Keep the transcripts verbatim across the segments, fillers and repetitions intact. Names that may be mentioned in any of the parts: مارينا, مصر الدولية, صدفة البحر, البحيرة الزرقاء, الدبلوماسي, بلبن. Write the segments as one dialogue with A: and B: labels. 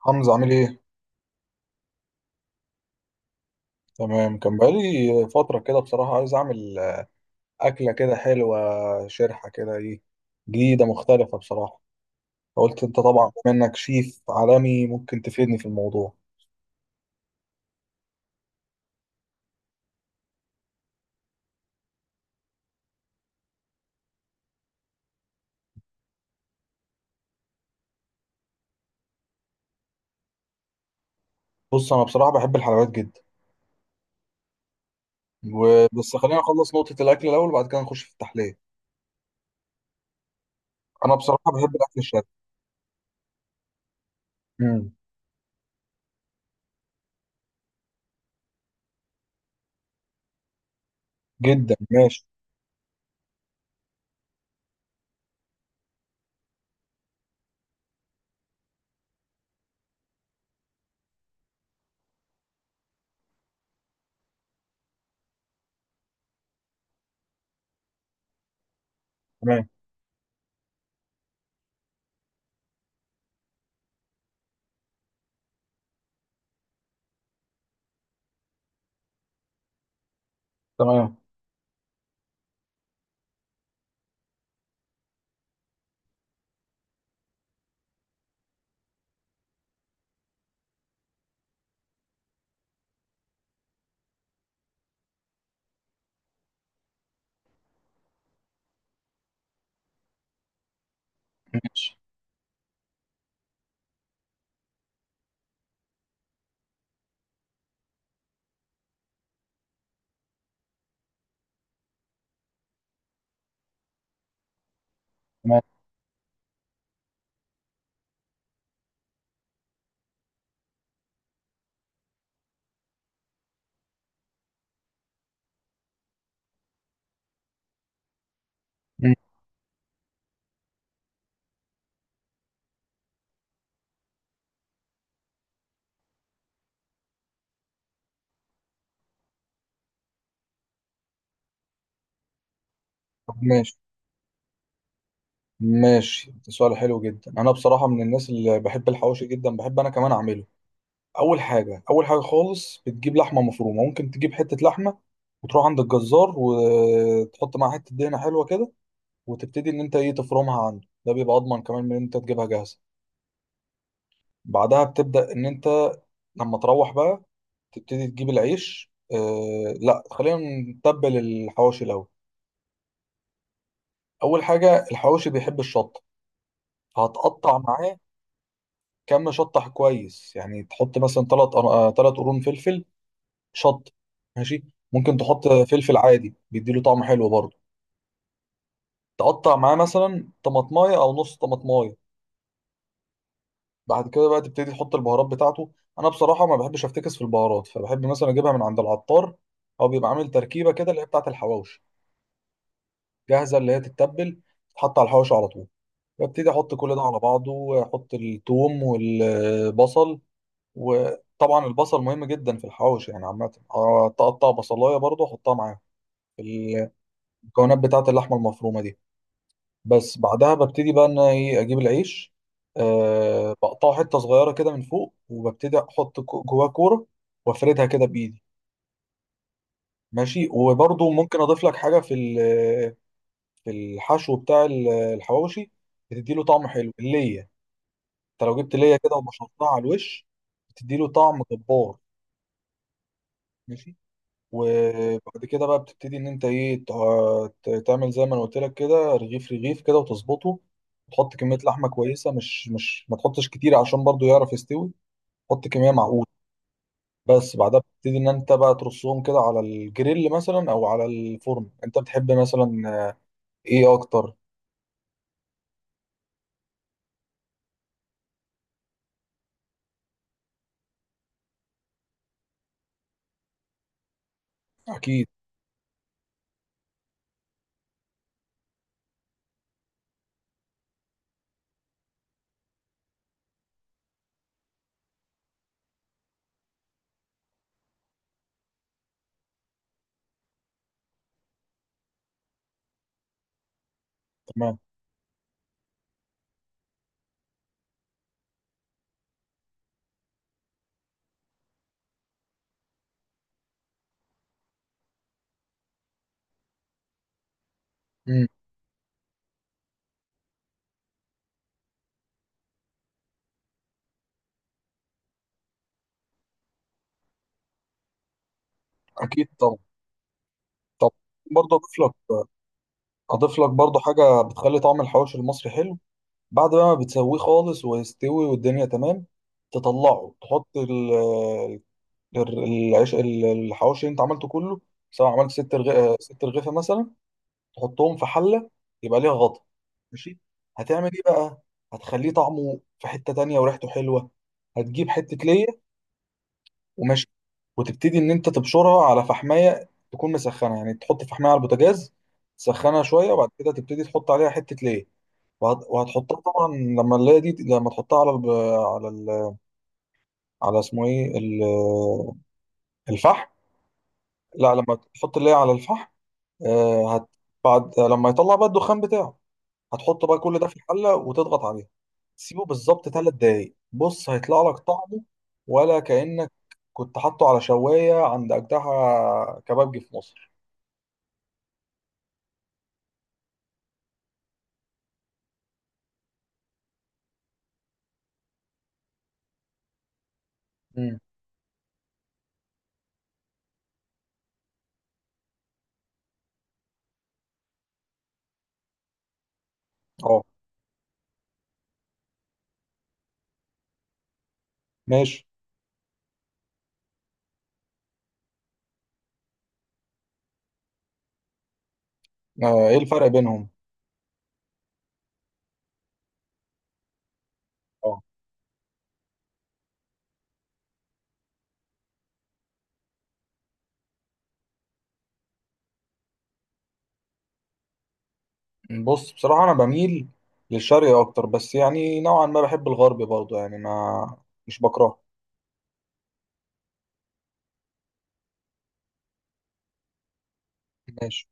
A: حمزة عامل ايه؟ تمام، كان بقالي فترة كده. بصراحة عايز أعمل أكلة كده حلوة، شرحة كده، ايه، جديدة مختلفة بصراحة. فقلت أنت طبعا بما إنك شيف عالمي ممكن تفيدني في الموضوع. بص أنا بصراحة بحب الحلويات جدا. و- بس خلينا نخلص نقطة الأكل الأول وبعد كده نخش في التحلية. أنا بصراحة بحب الأكل الشرقي. مم. جدا، ماشي. تمام. تمام، ماشي. تمام. مم. طب ماشي. ماشي، ده سؤال حلو جدا. أنا بصراحة من الناس اللي بحب الحواوشي جدا، بحب أنا كمان أعمله. اول حاجه اول حاجه خالص بتجيب لحمه مفرومه، ممكن تجيب حته لحمه وتروح عند الجزار وتحط معاها حته دهنه حلوه كده، وتبتدي ان انت ايه تفرمها عنده، ده بيبقى اضمن كمان من ان انت تجيبها جاهزه. بعدها بتبدا ان انت لما تروح بقى، تبتدي تجيب العيش، آه لا خلينا نتبل الحواوشي الاول. اول حاجه الحواوشي بيحب الشطه، فهتقطع معاه كم شطه كويس، يعني تحط مثلا ثلاث ثلاث قرون فلفل، شط، ماشي. ممكن تحط فلفل عادي بيديله طعم حلو برضه. تقطع معاه مثلا طماطمايه او نص طماطمايه. بعد كده بقى تبتدي تحط البهارات بتاعته. انا بصراحه ما بحبش افتكس في البهارات، فبحب مثلا اجيبها من عند العطار، او بيبقى عامل تركيبه كده اللي هي بتاعه الحواوشي جاهزه، اللي هي تتبل، تتحط على الحواوشي على طول. ببتدي احط كل ده على بعضه واحط الثوم والبصل. وطبعا البصل مهم جدا في الحواوشي، يعني عامه أقطع بصلايه برضه احطها معاه في المكونات بتاعه اللحمه المفرومه دي. بس بعدها ببتدي بقى ان انا ايه اجيب العيش، أه بقطعه حته صغيره كده من فوق، وببتدي احط كو- جواه كوره، وافردها كده بايدي. ماشي، وبرضو ممكن اضيف لك حاجه في ال- في الحشو بتاع ال- الحواوشي، بتدي له طعم حلو، الليه. انت لو جبت ليه كده وبشرتها على الوش، بتدي له طعم جبار. ماشي. وبعد كده بقى بتبتدي ان انت ايه تع- ت- تعمل زي ما انا قلت لك كده، رغيف رغيف كده وتظبطه. تحط كميه لحمه كويسه، مش مش ما تحطش كتير عشان برضو يعرف يستوي. حط كميه معقوله. بس بعدها بتبتدي ان انت بقى ترصهم كده على الجريل مثلا او على الفرن، انت بتحب مثلا آه، ايه اكتر؟ اكيد. تمام. امم. اكيد طبعا. طب برضه اضيف لك، اضيف لك برضه حاجه بتخلي طعم الحواوشي المصري حلو. بعد بقى ما بتسويه خالص ويستوي والدنيا تمام، تطلعه، تحط ال- ال- العيش، ال- الحواوشي اللي انت عملته كله، سواء عملت ست رغ... ست رغيفة مثلا، تحطهم في حلة يبقى ليها غطا. ماشي. هتعمل ايه بقى؟ هتخليه طعمه في حتة تانية وريحته حلوة. هتجيب حتة ليا وماشي، وتبتدي ان انت تبشرها على فحماية تكون مسخنة، يعني تحط فحماية على البوتاجاز، تسخنها شوية، وبعد كده تبتدي تحط عليها حتة ليا، وهت- وهتحطها طبعا، لما نلاقي دي لما تحطها على الب... على ال... على اسمه ايه ال... الفحم. لا، لما تحط اللي هي على الفحم، آه هت... بعد لما يطلع بقى الدخان بتاعه، هتحط بقى كل ده في الحله وتضغط عليها. سيبه بالظبط تلات دقايق، بص هيطلع لك طعمه ولا كأنك كنت حاطه على شوايه عند اجدها كبابجي في مصر. امم. اه. ماشي. آه، ايه الفرق بينهم؟ أه. بص بصراحة أنا بميل للشرق أكتر، بس يعني نوعا ما بحب الغرب برضه، يعني ما، مش بكرهه. ماشي.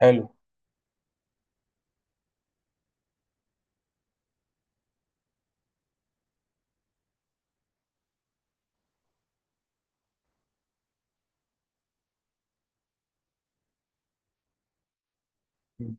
A: حلو. م.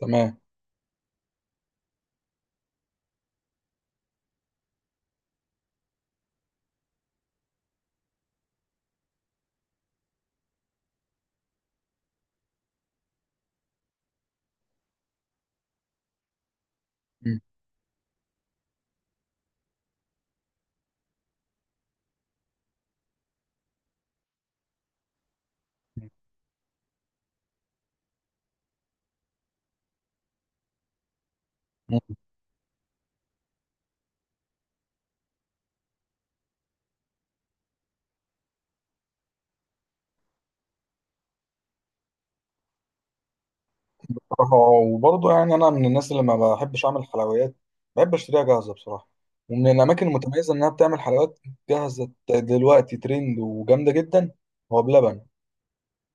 A: تمام. م. م. بصراحة وبرضه يعني أنا من الناس اللي ما بحبش أعمل حلويات، بحب أشتريها جاهزة بصراحة. ومن الأماكن المتميزة إنها بتعمل حلويات جاهزة دلوقتي، ترند وجامدة جدا، هو بلبن.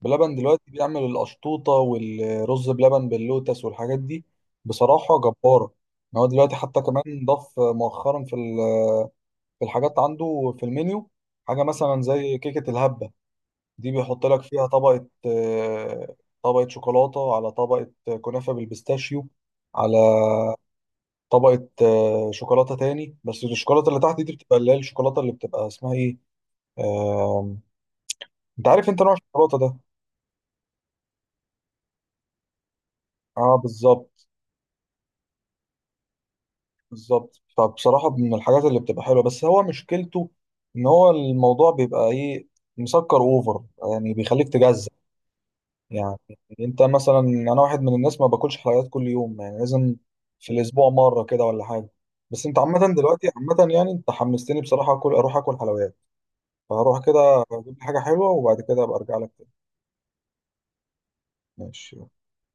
A: بلبن دلوقتي بيعمل القشطوطة والرز بلبن باللوتس والحاجات دي، بصراحة جبارة. إن هو دلوقتي حتى كمان ضاف مؤخرا في ال- في الحاجات عنده في المنيو حاجة مثلا زي كيكة الهبة. دي بيحط لك فيها طبقة، آه، طبقة شوكولاتة على طبقة كنافة بالبيستاشيو، على طبقة، آه، شوكولاتة تاني. بس الشوكولاتة اللي تحت دي بتبقى اللي هي الشوكولاتة اللي بتبقى اسمها ايه، آم، انت عارف انت نوع الشوكولاتة ده. اه بالظبط. بالظبط. فبصراحة من الحاجات اللي بتبقى حلوة، بس هو مشكلته إن هو الموضوع بيبقى إيه، مسكر أوفر، يعني بيخليك تجزع. يعني أنت مثلا، أنا واحد من الناس ما باكلش حلويات كل يوم، يعني لازم في الأسبوع مرة كده ولا حاجة. بس أنت عامة دلوقتي، عامة يعني أنت حمستني بصراحة أكل، أروح أكل حلويات. فهروح كده أجيب لي حاجة حلوة، وبعد كده أبقى أرجع لك تاني. ماشي.